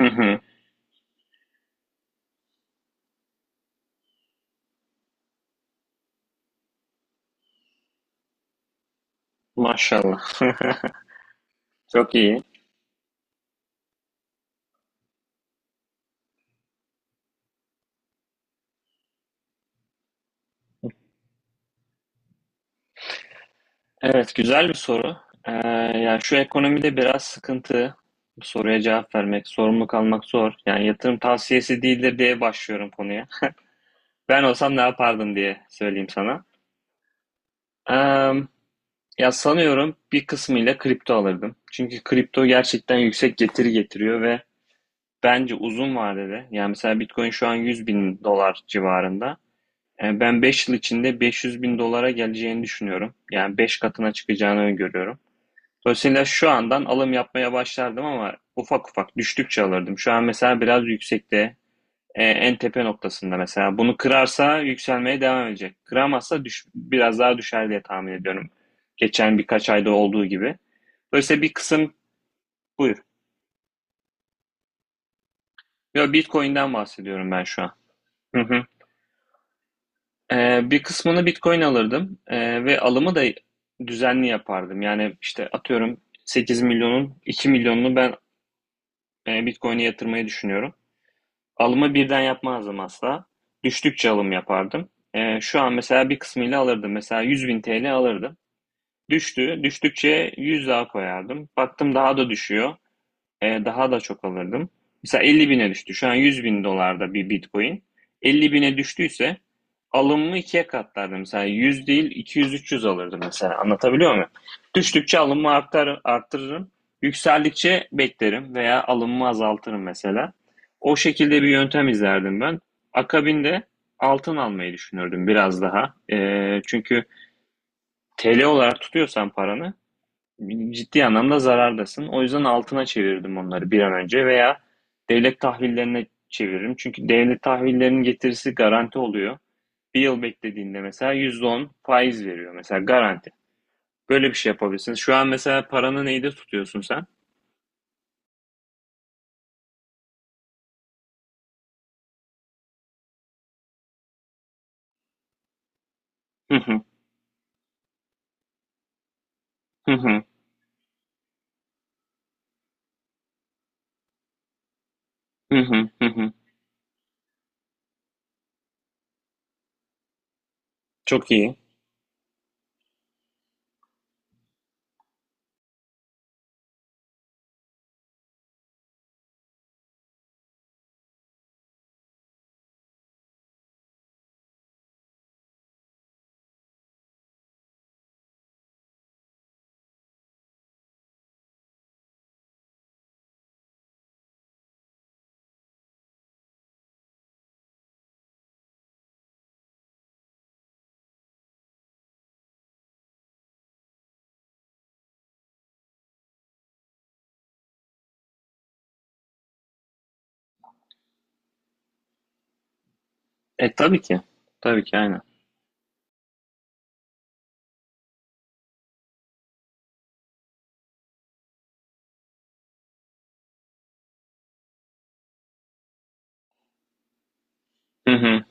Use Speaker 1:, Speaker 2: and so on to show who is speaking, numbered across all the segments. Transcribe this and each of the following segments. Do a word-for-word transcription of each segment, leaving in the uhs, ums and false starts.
Speaker 1: Hı hı. Maşallah. Çok iyi. Evet, güzel bir soru. Ee, yani şu ekonomide biraz sıkıntı. Bu soruya cevap vermek, sorumluluk almak zor. Yani yatırım tavsiyesi değildir diye başlıyorum konuya. Ben olsam ne yapardım diye söyleyeyim sana. Ee, ya sanıyorum bir kısmıyla kripto alırdım. Çünkü kripto gerçekten yüksek getiri getiriyor ve bence uzun vadede, yani mesela Bitcoin şu an yüz bin dolar civarında. Eee, ben beş yıl içinde beş yüz bin dolara geleceğini düşünüyorum. Yani beş katına çıkacağını öngörüyorum. Dolayısıyla şu andan alım yapmaya başlardım ama ufak ufak düştükçe alırdım. Şu an mesela biraz yüksekte, eee, en tepe noktasında mesela. Bunu kırarsa yükselmeye devam edecek. Kıramazsa düş, biraz daha düşer diye tahmin ediyorum. Geçen birkaç ayda olduğu gibi. Dolayısıyla bir kısım. Buyur. Yo, Bitcoin'den bahsediyorum ben şu an. Hı hı. Ee, bir kısmını Bitcoin alırdım. Ee, ve alımı da düzenli yapardım. Yani işte atıyorum sekiz milyonun iki milyonunu ben e, Bitcoin'e yatırmayı düşünüyorum. Alımı birden yapmazdım asla. Düştükçe alım yapardım. Ee, şu an mesela bir kısmıyla alırdım. Mesela yüz bin T L alırdım. Düştü. Düştükçe yüz daha koyardım. Baktım daha da düşüyor. Eee, daha da çok alırdım. Mesela elli bine düştü. Şu an yüz bin dolarda bir Bitcoin. elli bine düştüyse alımımı ikiye katlardım. Mesela yüz değil iki yüz üç yüz alırdım mesela. Anlatabiliyor muyum? Düştükçe alımımı artar, arttırırım. Yükseldikçe beklerim veya alımımı azaltırım mesela. O şekilde bir yöntem izlerdim ben. Akabinde altın almayı düşünürdüm biraz daha. Eee, çünkü T L olarak tutuyorsan paranı ciddi anlamda zarardasın. O yüzden altına çevirdim onları bir an önce veya devlet tahvillerine çeviririm. Çünkü devlet tahvillerinin getirisi garanti oluyor. Bir yıl beklediğinde mesela yüzde on faiz veriyor mesela garanti. Böyle bir şey yapabilirsiniz. Şu an mesela paranı neyde tutuyorsun sen? Hı hı, hı hı, hı hı, hı hı. Çok iyi. E, tabii ki. Tabii ki aynen. Hı hı.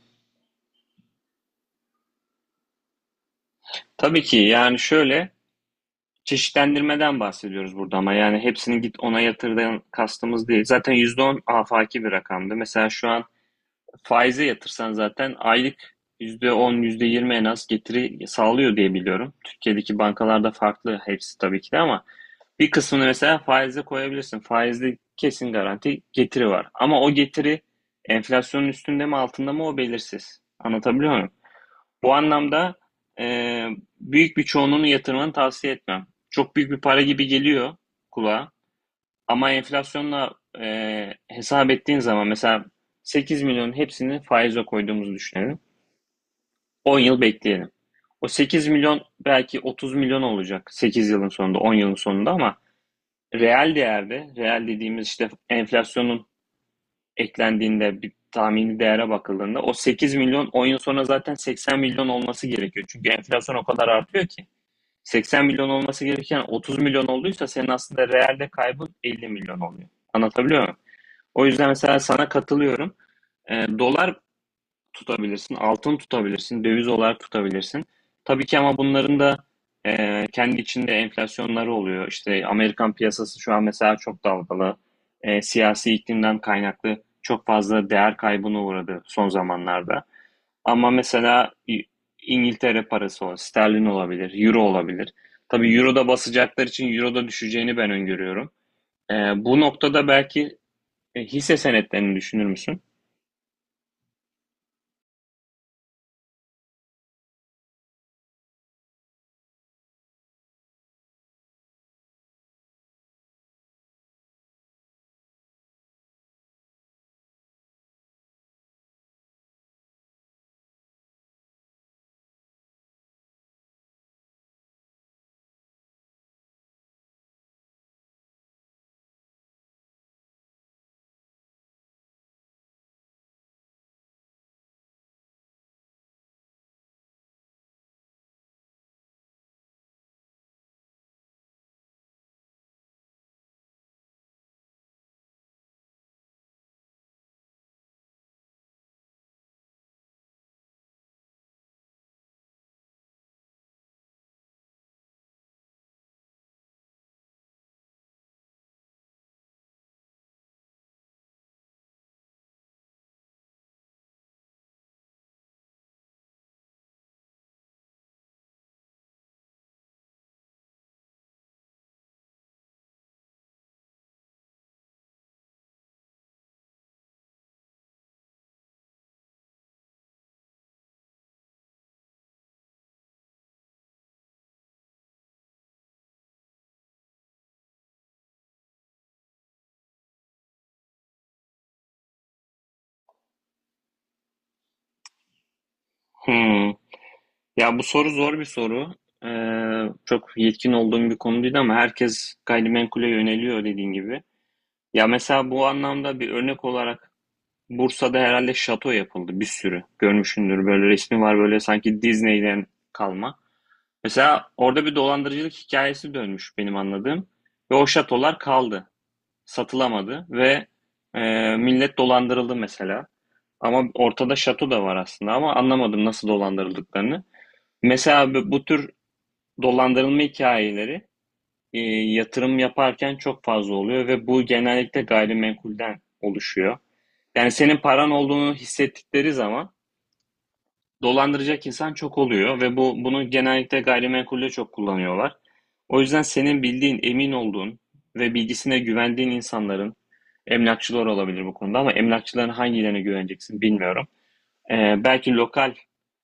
Speaker 1: Tabii ki yani şöyle. Çeşitlendirmeden bahsediyoruz burada ama yani hepsini git ona yatırdan kastımız değil. Zaten yüzde on afaki bir rakamdı. Mesela şu an faize yatırsan zaten aylık yüzde on yüzde yirmi en az getiri sağlıyor diye biliyorum. Türkiye'deki bankalarda farklı hepsi tabii ki de ama bir kısmını mesela faize koyabilirsin. Faizde kesin garanti getiri var. Ama o getiri enflasyonun üstünde mi altında mı o belirsiz. Anlatabiliyor muyum? Bu anlamda e, büyük bir çoğunluğunu yatırmanı tavsiye etmem. Çok büyük bir para gibi geliyor kulağa ama enflasyonla e, hesap ettiğin zaman mesela sekiz milyonun hepsini faize koyduğumuzu düşünelim. on yıl bekleyelim. O sekiz milyon belki otuz milyon olacak sekiz yılın sonunda, on yılın sonunda ama reel değerde, reel dediğimiz işte enflasyonun eklendiğinde bir tahmini değere bakıldığında o sekiz milyon on yıl sonra zaten seksen milyon olması gerekiyor. Çünkü enflasyon o kadar artıyor ki. seksen milyon olması gereken otuz milyon olduysa senin aslında realde kaybın elli milyon oluyor. Anlatabiliyor muyum? O yüzden mesela sana katılıyorum. Ee, dolar tutabilirsin, altın tutabilirsin, döviz olarak tutabilirsin. Tabii ki ama bunların da e, kendi içinde enflasyonları oluyor. İşte Amerikan piyasası şu an mesela çok dalgalı. E, siyasi iklimden kaynaklı çok fazla değer kaybına uğradı son zamanlarda. Ama mesela İ- İngiltere parası o. Sterlin olabilir, euro olabilir. Tabii euro da basacaklar için euro da düşeceğini ben öngörüyorum. Ee, bu noktada belki e, hisse senetlerini düşünür müsün? Hmm. Ya bu soru zor bir soru. Ee, çok yetkin olduğum bir konu değil ama herkes gayrimenkule yöneliyor dediğin gibi. Ya mesela bu anlamda bir örnek olarak Bursa'da herhalde şato yapıldı bir sürü. Görmüşsündür böyle resmi var, böyle sanki Disney'den kalma. Mesela orada bir dolandırıcılık hikayesi dönmüş benim anladığım ve o şatolar kaldı. Satılamadı ve, eee, millet dolandırıldı mesela. Ama ortada şato da var aslında ama anlamadım nasıl dolandırıldıklarını. Mesela bu bu tür dolandırılma hikayeleri eee, yatırım yaparken çok fazla oluyor ve bu genellikle gayrimenkulden oluşuyor. Yani senin paran olduğunu hissettikleri zaman dolandıracak insan çok oluyor ve bu bunu genellikle gayrimenkulde çok kullanıyorlar. O yüzden senin bildiğin, emin olduğun ve bilgisine güvendiğin insanların emlakçılar olabilir bu konuda ama emlakçıların hangilerine güveneceksin bilmiyorum. Ee, belki lokal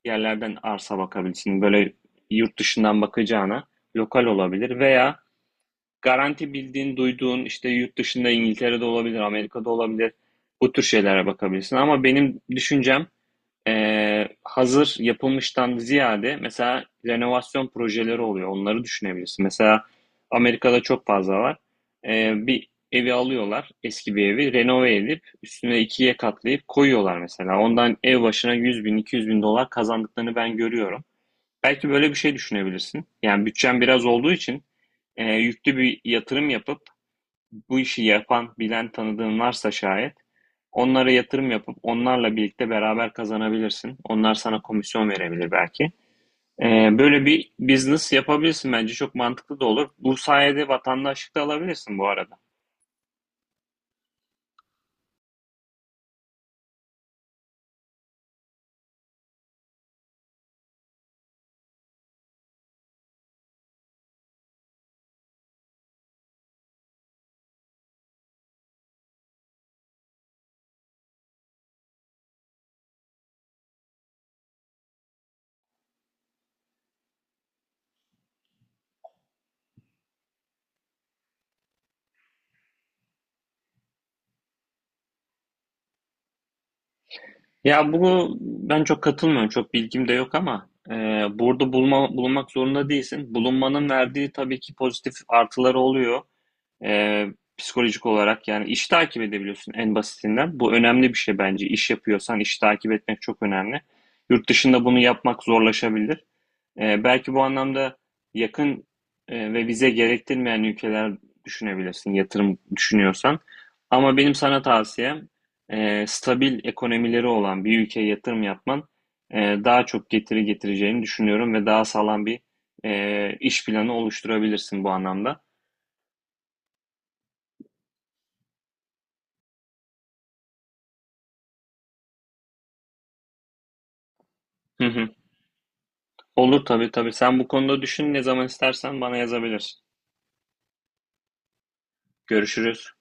Speaker 1: yerlerden arsa bakabilirsin. Böyle yurt dışından bakacağına lokal olabilir veya garanti bildiğin, duyduğun işte yurt dışında İngiltere'de olabilir, Amerika'da olabilir. Bu tür şeylere bakabilirsin ama benim düşüncem ee, hazır yapılmıştan ziyade mesela renovasyon projeleri oluyor. Onları düşünebilirsin. Mesela Amerika'da çok fazla var. Ee, bir evi alıyorlar, eski bir evi renove edip üstüne ikiye katlayıp koyuyorlar mesela. Ondan ev başına yüz bin, iki yüz bin dolar kazandıklarını ben görüyorum. Belki böyle bir şey düşünebilirsin. Yani bütçen biraz olduğu için e, yüklü bir yatırım yapıp bu işi yapan, bilen tanıdığın varsa şayet onlara yatırım yapıp onlarla birlikte beraber kazanabilirsin. Onlar sana komisyon verebilir belki. Ee, böyle bir business yapabilirsin, bence çok mantıklı da olur. Bu sayede vatandaşlık da alabilirsin bu arada. Ya bu ben çok katılmıyorum. Çok bilgim de yok ama e, burada bulma, bulunmak zorunda değilsin. Bulunmanın verdiği tabii ki pozitif artıları oluyor. Ee, psikolojik olarak yani iş takip edebiliyorsun en basitinden. Bu önemli bir şey bence. İş yapıyorsan iş takip etmek çok önemli. Yurt dışında bunu yapmak zorlaşabilir. Ee, belki bu anlamda yakın e, ve vize gerektirmeyen ülkeler düşünebilirsin, yatırım düşünüyorsan. Ama benim sana tavsiyem e, stabil ekonomileri olan bir ülkeye yatırım yapman e, daha çok getiri getireceğini düşünüyorum ve daha sağlam bir e, iş planı oluşturabilirsin bu anlamda. Hı hı. Olur tabii tabii. Sen bu konuda düşün, ne zaman istersen bana yazabilirsin. Görüşürüz.